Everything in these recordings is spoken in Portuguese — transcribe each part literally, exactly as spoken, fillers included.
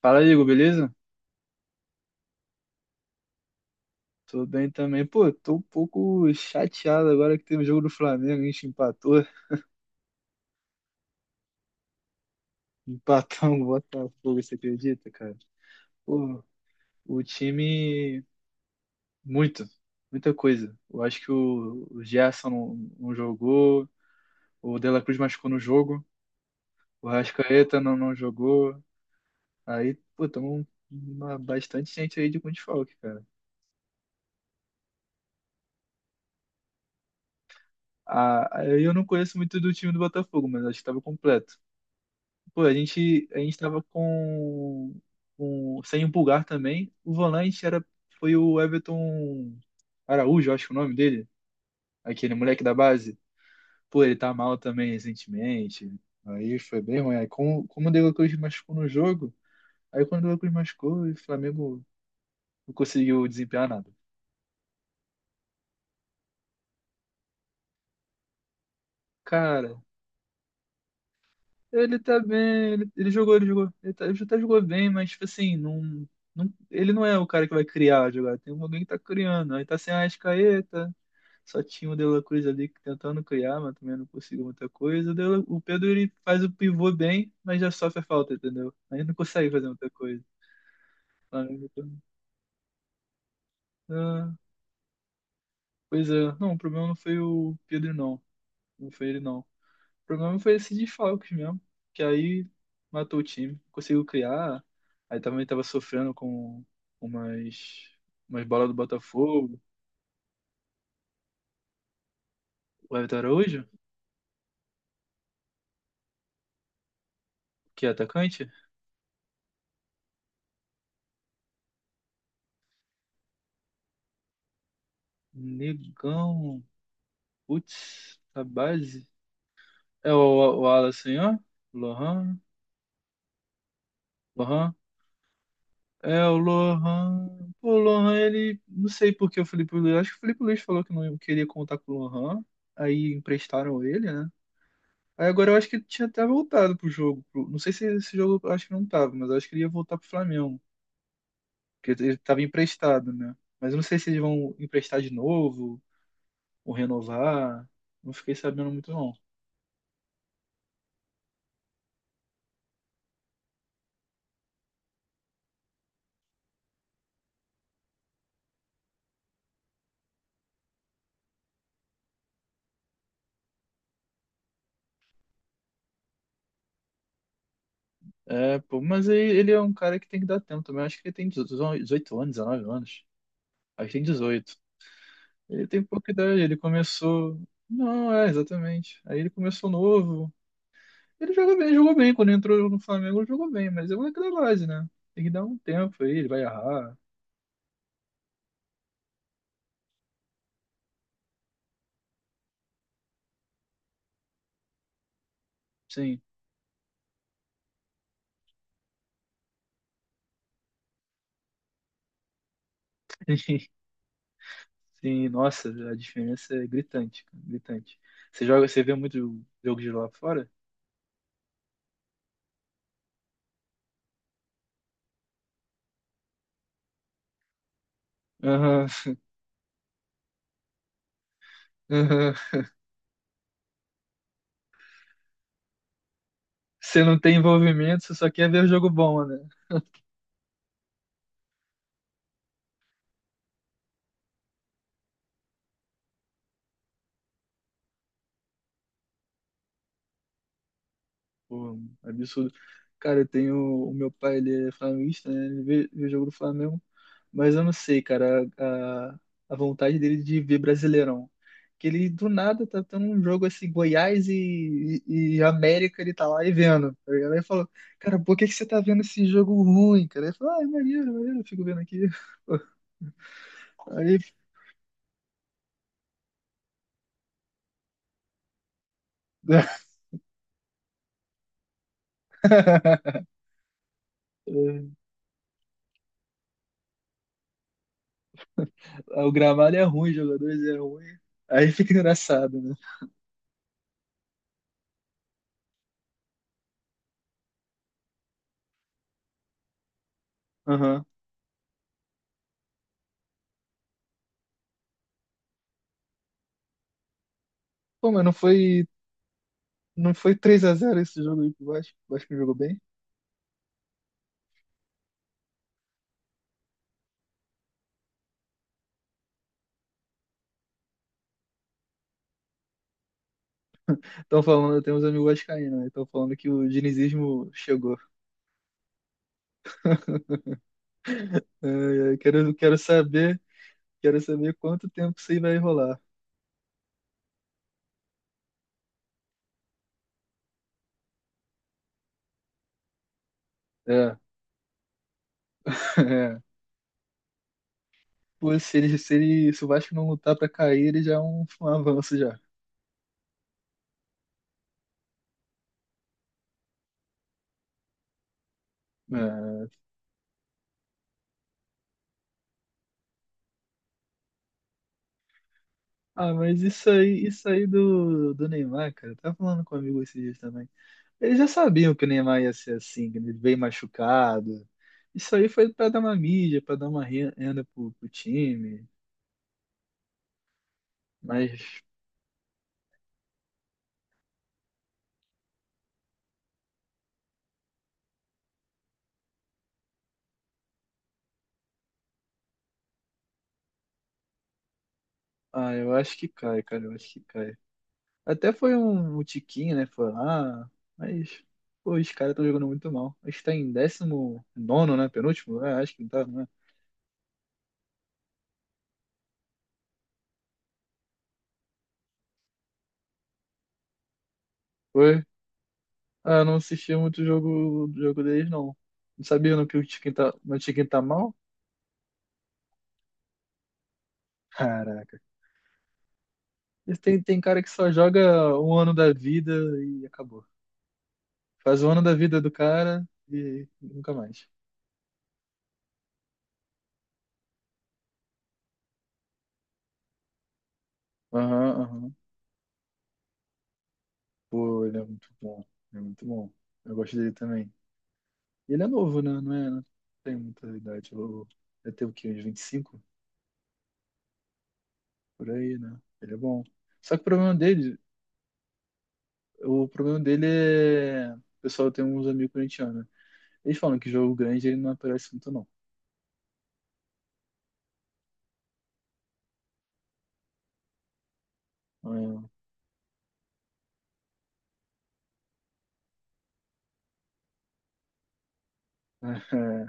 Fala, Igor, beleza? Tô bem também. Pô, tô um pouco chateado agora que teve o jogo do Flamengo, a gente empatou. Empatamos o Botafogo, você acredita, cara? Pô, o time, muito, muita coisa. Eu acho que o, o Gerson não, não jogou, o De La Cruz machucou no jogo, o Arrascaeta não, não jogou. Aí, pô, tamo uma, bastante gente aí de com desfalque, cara. Ah, aí eu não conheço muito do time do Botafogo, mas acho que tava completo. Pô, a gente, a gente tava com, com- sem o Pulgar também. O volante era, foi o Everton Araújo, acho que é o nome dele. Aquele moleque da base. Pô, ele tá mal também recentemente. Aí foi bem ruim. Aí, como, como o De La Cruz machucou no jogo, aí quando o De La Cruz machucou, o Flamengo não conseguiu desempenhar nada. Cara, ele tá bem, ele, ele jogou, ele jogou. Ele, tá, ele até jogou bem, mas, tipo assim, não, não- ele não é o cara que vai criar a jogada. Tem alguém que tá criando. Aí tá sem a Arrascaeta. Só tinha o De La Cruz ali que tentando criar, mas também não conseguiu muita coisa. O, o Pedro ele faz o pivô bem, mas já sofre a falta, entendeu? Aí não consegue fazer muita coisa. Ah, pois é, não, o problema não foi o Pedro, não. Não foi ele, não. O problema foi esse desfalques mesmo, que aí matou o time. Conseguiu criar, aí também tava sofrendo com umas, umas bolas do Botafogo. O Everton Araújo, que é atacante, negão, putz, a base. É o, o Wallace, ó. Lohan, Lohan. É o Lohan. Pô, o Lohan, ele. Não sei por que o Felipe Luiz. Acho que o Felipe Luiz falou que não queria contar com o Lohan. Aí emprestaram ele, né? Aí agora eu acho que ele tinha até voltado pro jogo. pro- Não sei se esse jogo eu acho que não tava, mas eu acho que ele ia voltar pro Flamengo. Porque ele tava emprestado, né? Mas eu não sei se eles vão emprestar de novo ou renovar. Não fiquei sabendo muito, não. É, pô, mas aí ele é um cara que tem que dar tempo também. Acho que ele tem dezoito anos, dezenove anos. Aí tem dezoito. Ele tem pouca idade, ele começou. Não, é, exatamente. Aí ele começou novo. Ele joga bem, jogou bem. Quando entrou no Flamengo, ele jogou bem, mas é aquela base, né? Tem que dar um tempo aí, ele vai errar. Sim. Sim, nossa, a diferença é gritante, cara, gritante. Você joga, você vê muito jogo de lá fora? Aham, aham. Você não tem envolvimento, você só quer ver o jogo bom, né? Pô, absurdo. Cara, eu tenho. O meu pai, ele é flamenguista, né? Ele vê, vê o jogo do Flamengo. Mas eu não sei, cara, a, a, a vontade dele de ver Brasileirão. Que ele do nada tá tendo um jogo assim, Goiás e, e, e América, ele tá lá e vendo. Tá ligado? Aí ele falou, cara, por que que você tá vendo esse jogo ruim, cara? Ele falou, ah, é maneiro, é maneiro, eu fico vendo aqui. Aí. É, o gramado é ruim, os jogadores é ruim. Aí fica engraçado, né? Aham. Pô, mas não foi. Não foi três a zero esse jogo aí pro Vasco. O Vasco jogou bem. Estão falando, eu tenho uns amigos vascaínos, né? Estão falando que o dinizismo chegou. É, é, quero, quero saber, quero saber quanto tempo isso aí vai rolar. É, é. Pô, se, ele, se, ele, se o Vasco não lutar pra cair, ele já é um, um avanço já. É. Ah, mas isso aí, isso aí do, do Neymar, cara, eu tava falando com um amigo esses dias também. Eles já sabiam que o Neymar ia ser assim, que ele veio machucado. Isso aí foi pra dar uma mídia, pra dar uma renda pro, pro time. Mas, ah, eu acho que cai, cara, eu acho que cai. Até foi um, um tiquinho, né? Foi lá, mas, pô, os caras estão jogando muito mal. Acho que tá em décimo nono, né? Penúltimo? É, acho que não tá, né? Foi. Ah, eu não assisti muito o jogo, o jogo deles, não. Não sabia não que o tiquinho tá, meu tiquinho tá mal? Caraca. Esse Tem, tem cara que só joga um ano da vida e acabou. Faz um ano da vida do cara e nunca mais. Aham, aham. Pô, ele é muito bom. Ele é muito bom. Eu gosto dele também. E ele é novo, né? Não é, não tem muita idade. Ele deve ter o quê? Uns vinte e cinco. Por aí, né? Ele é bom. Só que o problema dele, o problema dele é. O pessoal tem uns amigos corintianos, né? Eles falam que jogo grande ele não aparece muito, não. É, é,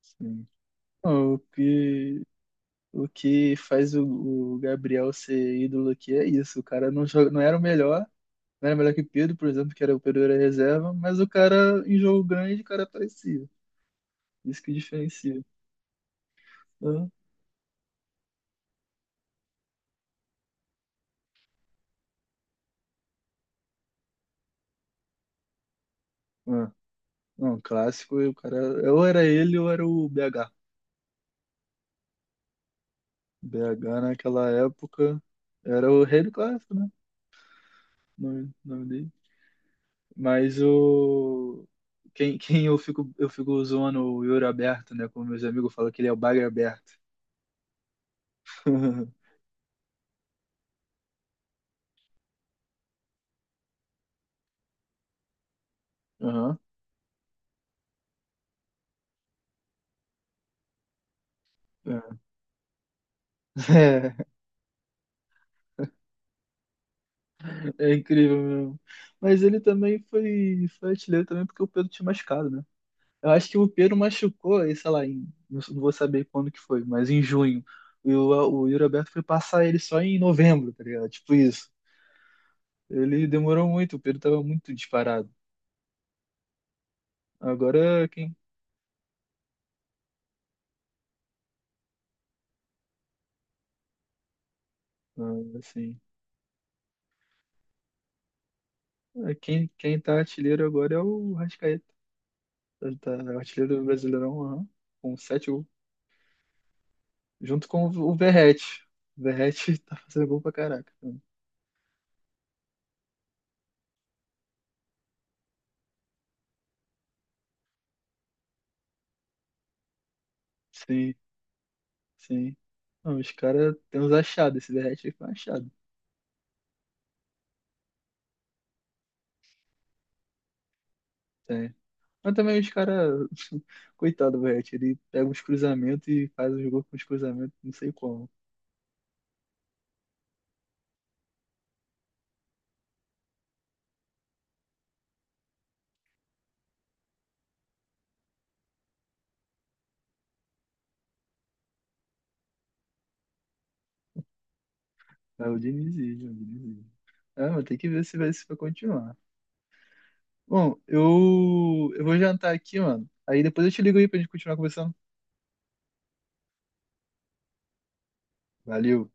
sim. Não, o que, o que faz o, o Gabriel ser ídolo aqui é isso. O cara não joga, não era o melhor, não era melhor que o Pedro, por exemplo, que era o Pedro era reserva, mas o cara em jogo grande, o cara aparecia. Isso que diferencia, né? É. Não, um clássico, e o cara, ou era ele ou era o B H. B H naquela época era o rei do clássico, né? O Nome, o nome dele. Mas o quem, quem eu fico eu fico zoando o Yuri Alberto, né? Como meus amigos falam que ele é o Bagre Aberto. Aham. É, é é incrível mesmo. Mas ele também foi, foi artilheiro também porque o Pedro tinha machucado, né? Eu acho que o Pedro machucou, aí, sei lá, em, não não vou saber quando que foi, mas em junho. E o, o Yuri Alberto foi passar ele só em novembro, tá ligado? Tipo isso. Ele demorou muito, o Pedro tava muito disparado. Agora quem, ah, assim, é quem, quem tá artilheiro agora é o Rascaeta. Ele tá artilheiro do Brasileirão, aham, com sete gols. Junto com o Verratti. O Verratti tá fazendo gol pra caraca. Sim, sim. Não, os caras têm uns achados, esse Verratti aí foi um achado. Tem, Mas também os caras, coitado, do Verratti, ele pega uns cruzamentos e faz os gols com os cruzamentos, não sei como. É o Diniz, é o Diniz. É, mas tem que ver se vai, se vai continuar. Bom, eu, eu vou jantar aqui, mano. Aí depois eu te ligo aí pra gente continuar conversando. Valeu.